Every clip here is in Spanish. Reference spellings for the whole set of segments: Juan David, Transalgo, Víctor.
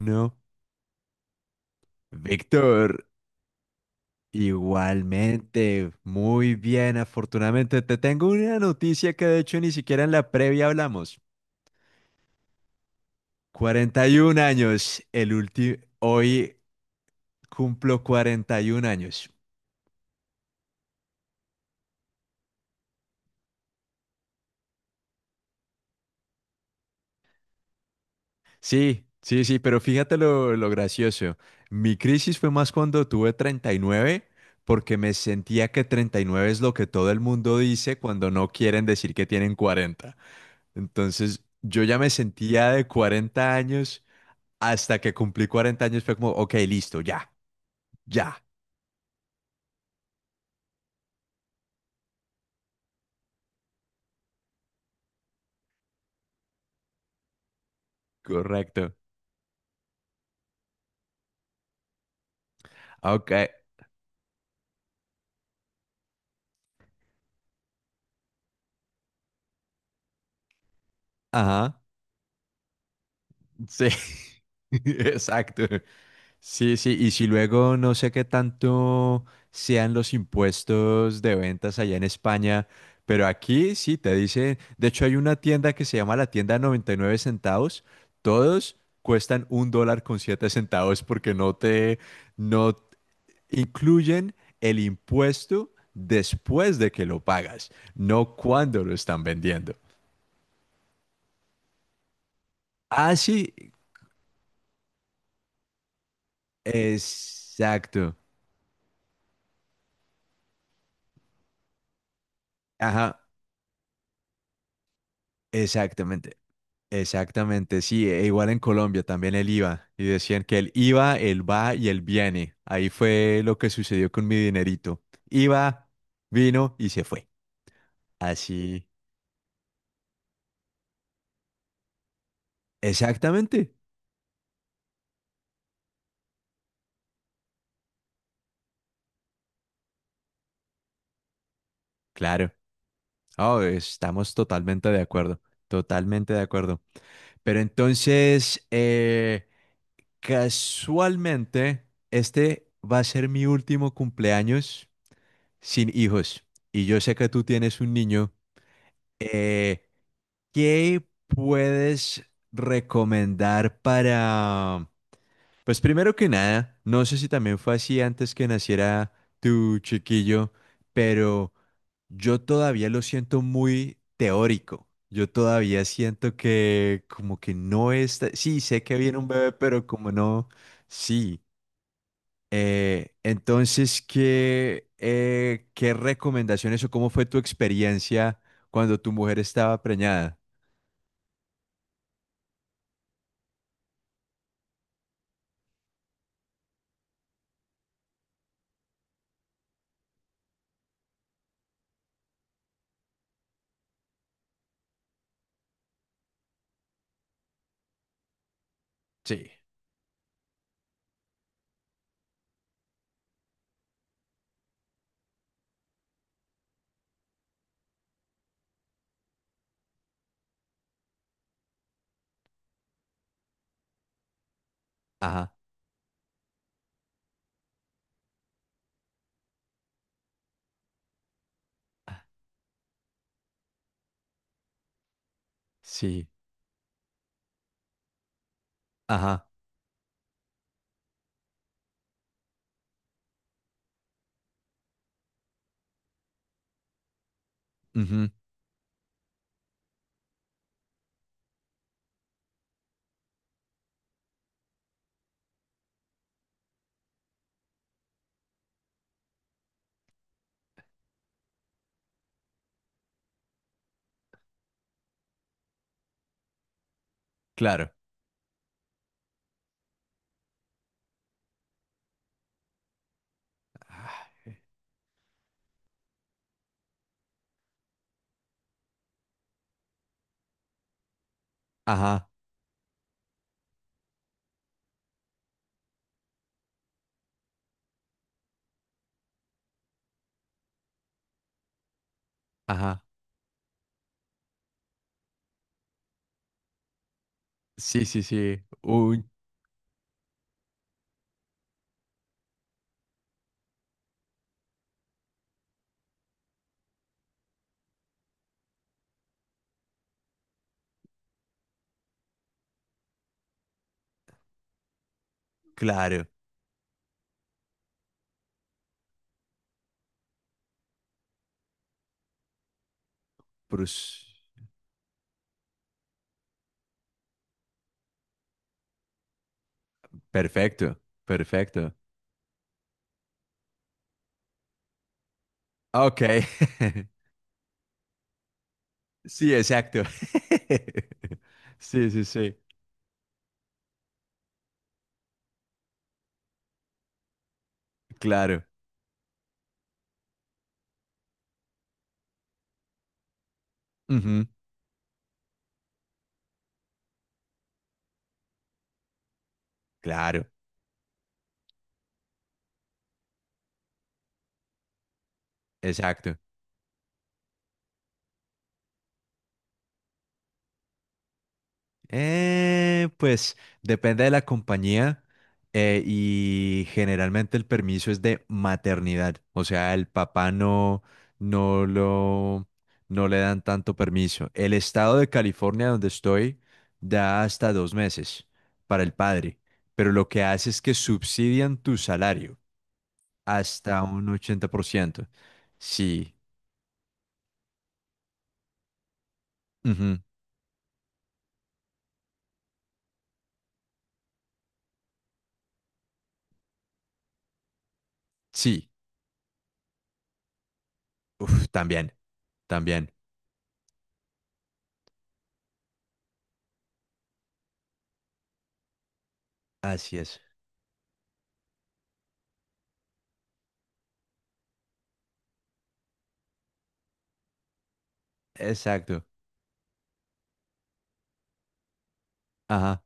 No, Víctor, igualmente, muy bien, afortunadamente te tengo una noticia que de hecho ni siquiera en la previa hablamos. 41 años, el último, hoy cumplo 41 años. Sí, sí, sí, pero fíjate lo gracioso. Mi crisis fue más cuando tuve treinta y nueve, porque me sentía que 39 es lo que todo el mundo dice cuando no quieren decir que tienen 40. Entonces, yo ya me sentía de 40 años. Hasta que cumplí 40 años fue como, ok, listo, ya, ya. Correcto. Ok, ajá. Sí, exacto. Sí, sí, y si luego no sé qué tanto sean los impuestos de ventas allá en España, pero aquí sí te dicen, de hecho hay una tienda que se llama la tienda 99 centavos, todos cuestan un dólar con siete centavos, porque no te, no incluyen el impuesto después de que lo pagas, no cuando lo están vendiendo. Así, exacto. Ajá, exactamente. Exactamente, sí, e igual en Colombia también el IVA. Y decían que el IVA, el va y el viene. Ahí fue lo que sucedió con mi dinerito. IVA, vino y se fue. Así, exactamente. Claro. Oh, estamos totalmente de acuerdo. Totalmente de acuerdo. Pero entonces, casualmente, este va a ser mi último cumpleaños sin hijos. Y yo sé que tú tienes un niño. Eh, ¿Qué puedes recomendar para, pues primero que nada, no sé si también fue así antes que naciera tu chiquillo, pero yo todavía lo siento muy teórico? Yo todavía siento que como que no está... Sí, sé que viene un bebé, pero como no, sí. Entonces, ¿qué, qué recomendaciones o cómo fue tu experiencia cuando tu mujer estaba preñada? Sí. Ajá. Ah. Sí. Ajá. Ujú. Claro. Ah. Ajá. Ajá. Sí, sí, sí. Un claro. Prus- perfecto, perfecto. Ok. Sí, exacto. Sí, sí, sí. Claro. Ujú. Claro, exacto. Pues depende de la compañía, y generalmente el permiso es de maternidad, o sea, el papá no, no lo, no le dan tanto permiso. El estado de California donde estoy da hasta 2 meses para el padre, pero lo que hace es que subsidian tu salario hasta un 80%. Sí, ujú, sí, uf, también, también, así es, exacto. Ajá.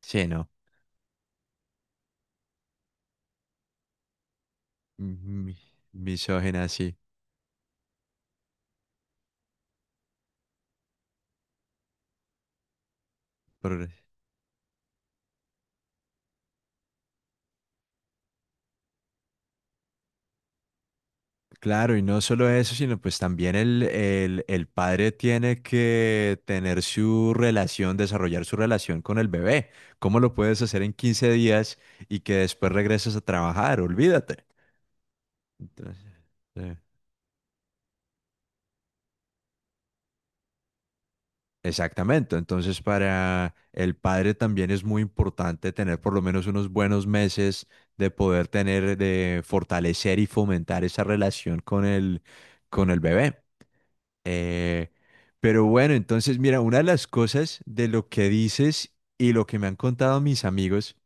Sí, no. Mm, mi- misógena, sí. Por- claro, y no solo eso, sino pues también el padre tiene que tener su relación, desarrollar su relación con el bebé. ¿Cómo lo puedes hacer en 15 días y que después regreses a trabajar? Olvídate. Entonces, sí. Exactamente. Entonces, para el padre también es muy importante tener por lo menos unos buenos meses de poder tener, de fortalecer y fomentar esa relación con el bebé. Eh, pero bueno, entonces, mira, una de las cosas de lo que dices y lo que me han contado mis amigos.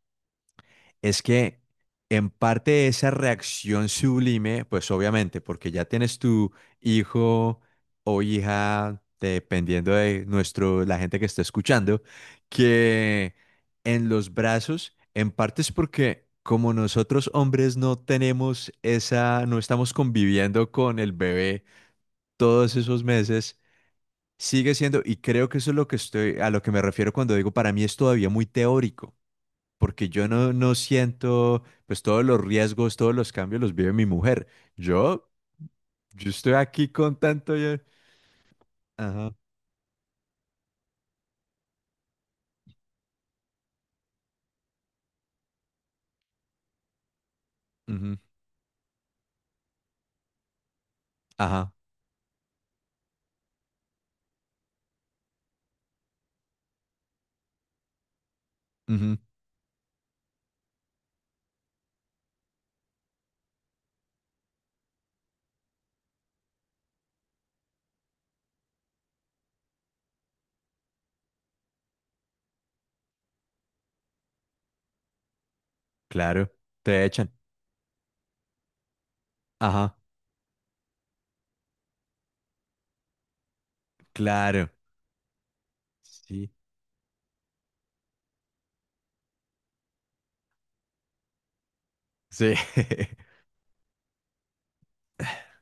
Es que en parte esa reacción sublime, pues obviamente, porque ya tienes tu hijo o hija, dependiendo de nuestro, la gente que está escuchando, que en los brazos, en parte es porque como nosotros hombres no tenemos esa, no estamos conviviendo con el bebé todos esos meses, sigue siendo, y creo que eso es lo que estoy, a lo que me refiero cuando digo, para mí es todavía muy teórico porque yo no, no siento, pues todos los riesgos, todos los cambios los vive mi mujer. Yo, yo estoy aquí con tanto... ya- ajá, ujú, ajá, ujú, claro, te echan. Ajá, claro. Sí, sí.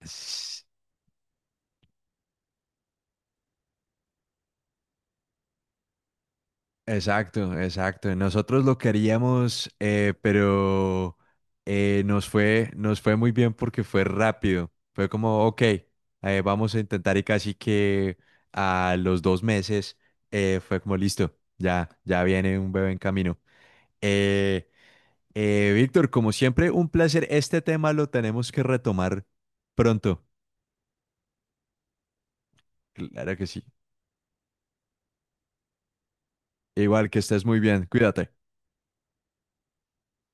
Exacto, exacto. Nosotros lo queríamos, pero nos fue muy bien porque fue rápido. Fue como, ok, vamos a intentar y casi que a los 2 meses fue como listo, ya, ya viene un bebé en camino. Eh, Víctor, como siempre, un placer. Este tema lo tenemos que retomar pronto. Claro que sí. Igual que estés muy bien, cuídate.